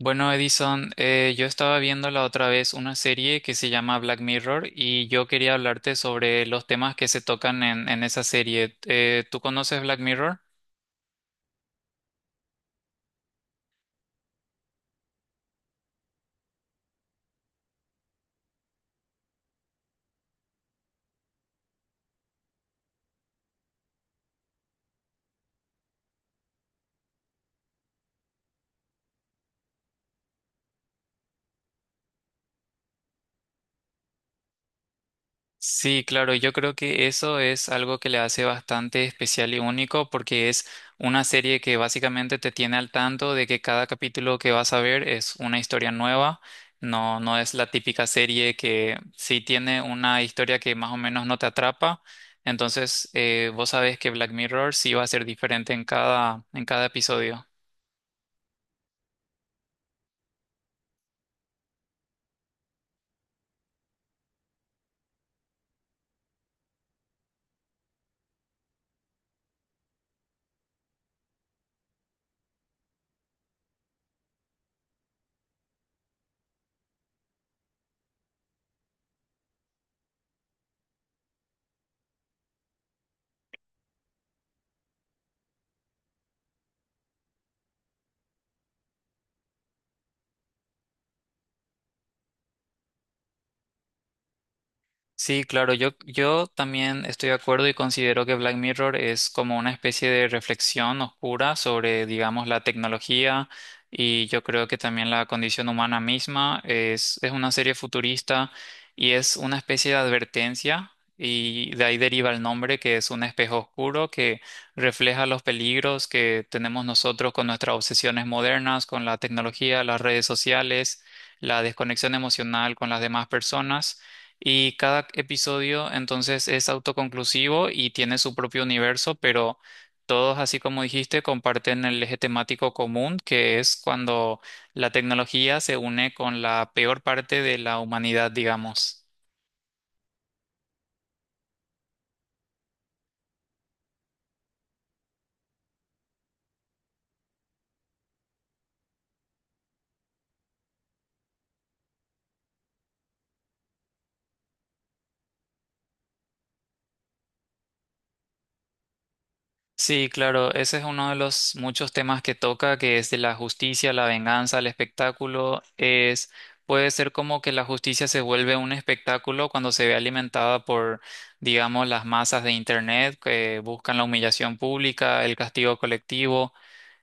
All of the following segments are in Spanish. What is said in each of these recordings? Bueno, Edison, yo estaba viendo la otra vez una serie que se llama Black Mirror y yo quería hablarte sobre los temas que se tocan en esa serie. ¿tú conoces Black Mirror? Sí, claro, yo creo que eso es algo que le hace bastante especial y único porque es una serie que básicamente te tiene al tanto de que cada capítulo que vas a ver es una historia nueva, no es la típica serie que sí tiene una historia que más o menos no te atrapa, entonces vos sabés que Black Mirror sí va a ser diferente en cada episodio. Sí, claro, yo también estoy de acuerdo y considero que Black Mirror es como una especie de reflexión oscura sobre, digamos, la tecnología y yo creo que también la condición humana misma es una serie futurista y es una especie de advertencia y de ahí deriva el nombre, que es un espejo oscuro que refleja los peligros que tenemos nosotros con nuestras obsesiones modernas, con la tecnología, las redes sociales, la desconexión emocional con las demás personas. Y cada episodio entonces es autoconclusivo y tiene su propio universo, pero todos, así como dijiste, comparten el eje temático común, que es cuando la tecnología se une con la peor parte de la humanidad, digamos. Sí, claro, ese es uno de los muchos temas que toca, que es de la justicia, la venganza, el espectáculo. Puede ser como que la justicia se vuelve un espectáculo cuando se ve alimentada por, digamos, las masas de internet que buscan la humillación pública, el castigo colectivo.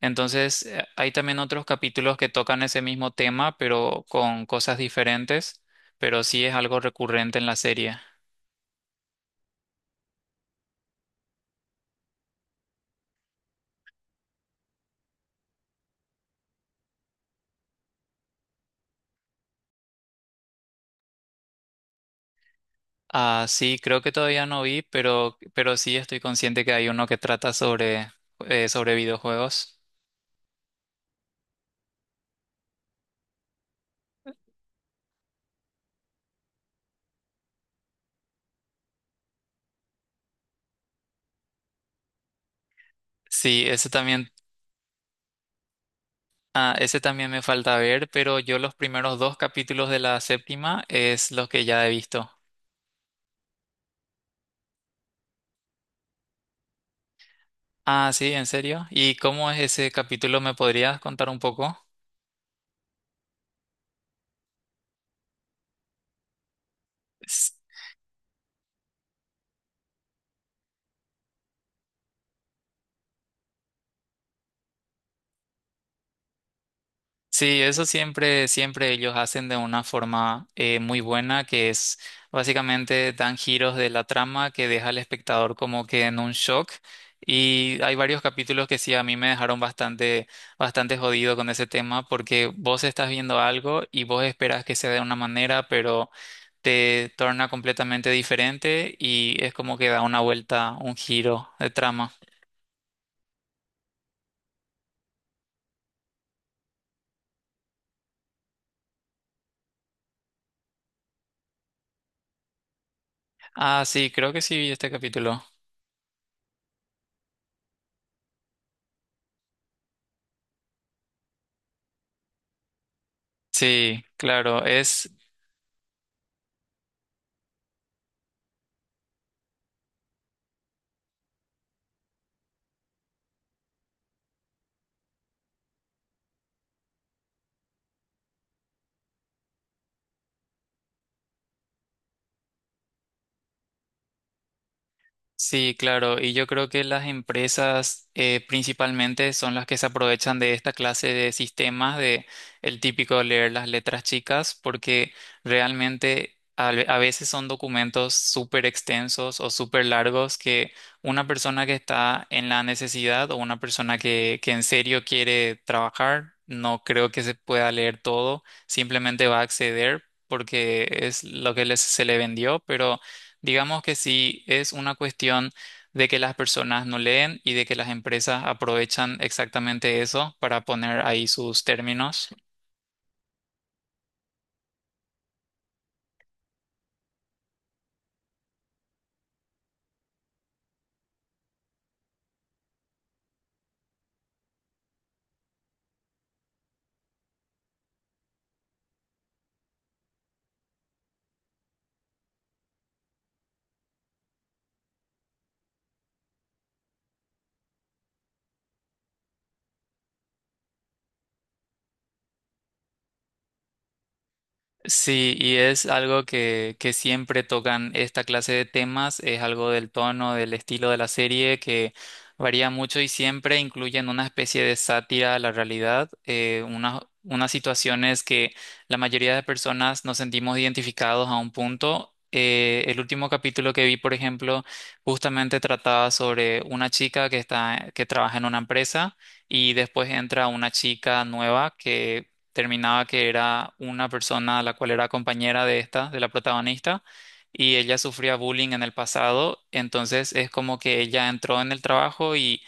Entonces, hay también otros capítulos que tocan ese mismo tema, pero con cosas diferentes, pero sí es algo recurrente en la serie. Ah, sí, creo que todavía no vi, pero sí estoy consciente que hay uno que trata sobre, sobre videojuegos. Sí, ese también, ah, ese también me falta ver, pero yo los primeros dos capítulos de la séptima es los que ya he visto. Ah, sí, ¿en serio? ¿Y cómo es ese capítulo? ¿Me podrías contar un poco? Sí, eso siempre, siempre ellos hacen de una forma muy buena, que es básicamente dan giros de la trama que deja al espectador como que en un shock. Y hay varios capítulos que sí a mí me dejaron bastante, bastante jodido con ese tema, porque vos estás viendo algo y vos esperas que sea de una manera, pero te torna completamente diferente y es como que da una vuelta, un giro de trama. Ah, sí, creo que sí vi este capítulo. Sí, claro, es. Sí, claro, y yo creo que las empresas principalmente son las que se aprovechan de esta clase de sistemas, de el típico leer las letras chicas, porque realmente a veces son documentos súper extensos o súper largos, que una persona que está en la necesidad o una persona que en serio quiere trabajar, no creo que se pueda leer todo, simplemente va a acceder porque es lo que se le vendió, pero... Digamos que sí es una cuestión de que las personas no leen y de que las empresas aprovechan exactamente eso para poner ahí sus términos. Sí, y es algo que siempre tocan esta clase de temas, es algo del tono, del estilo de la serie, que varía mucho y siempre incluyen una especie de sátira a la realidad, unas situaciones que la mayoría de personas nos sentimos identificados a un punto. El último capítulo que vi, por ejemplo, justamente trataba sobre una chica que está, que trabaja en una empresa, y después entra una chica nueva, que terminaba que era una persona la cual era compañera de esta, de la protagonista, y ella sufría bullying en el pasado, entonces es como que ella entró en el trabajo y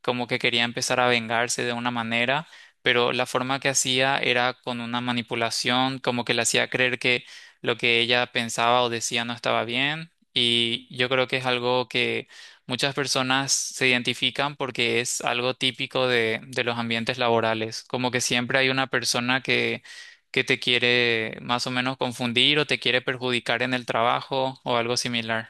como que quería empezar a vengarse de una manera, pero la forma que hacía era con una manipulación, como que le hacía creer que lo que ella pensaba o decía no estaba bien, y yo creo que es algo que muchas personas se identifican, porque es algo típico de los ambientes laborales, como que siempre hay una persona que te quiere más o menos confundir o te quiere perjudicar en el trabajo o algo similar.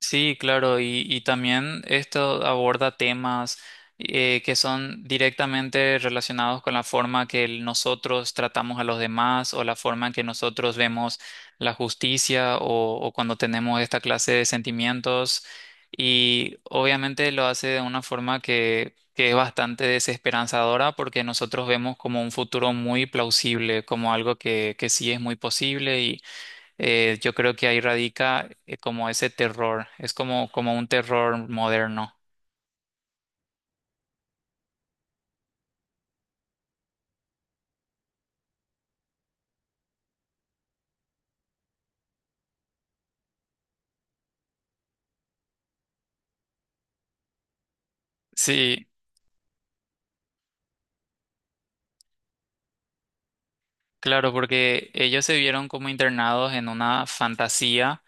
Sí, claro, y también esto aborda temas que son directamente relacionados con la forma que nosotros tratamos a los demás, o la forma en que nosotros vemos la justicia o cuando tenemos esta clase de sentimientos. Y obviamente lo hace de una forma que es bastante desesperanzadora, porque nosotros vemos como un futuro muy plausible, como algo que sí es muy posible. Yo creo que ahí radica como ese terror, es como, como un terror moderno. Sí, claro, porque ellos se vieron como internados en una fantasía,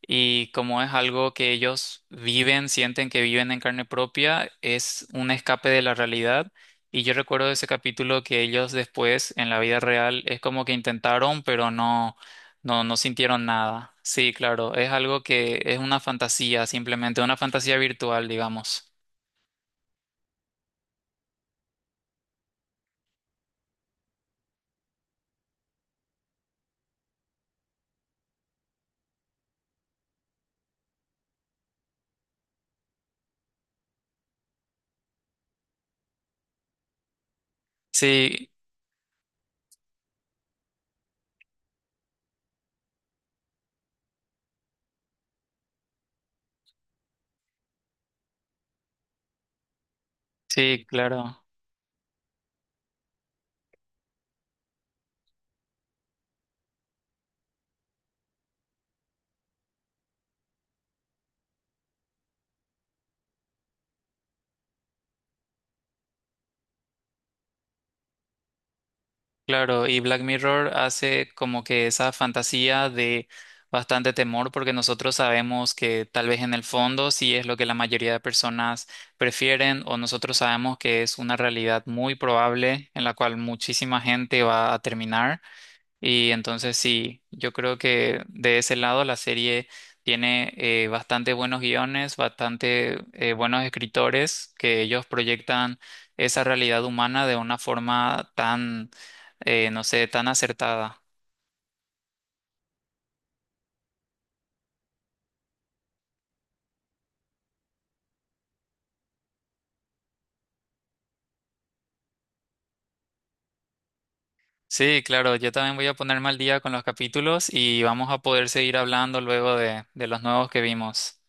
y como es algo que ellos viven, sienten que viven en carne propia, es un escape de la realidad. Y yo recuerdo ese capítulo, que ellos después en la vida real es como que intentaron, pero no, no sintieron nada. Sí, claro, es algo que es una fantasía, simplemente una fantasía virtual, digamos. Sí, sí, claro, claro. Y Black Mirror hace como que esa fantasía de bastante temor, porque nosotros sabemos que tal vez en el fondo sí es lo que la mayoría de personas prefieren, o nosotros sabemos que es una realidad muy probable en la cual muchísima gente va a terminar. Y entonces sí, yo creo que de ese lado la serie tiene bastante buenos guiones, bastante buenos escritores, que ellos proyectan esa realidad humana de una forma tan, no sé, tan acertada. Sí, claro, yo también voy a ponerme al día con los capítulos y vamos a poder seguir hablando luego de los nuevos que vimos.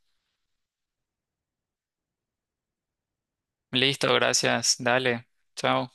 Listo, gracias, dale, chao.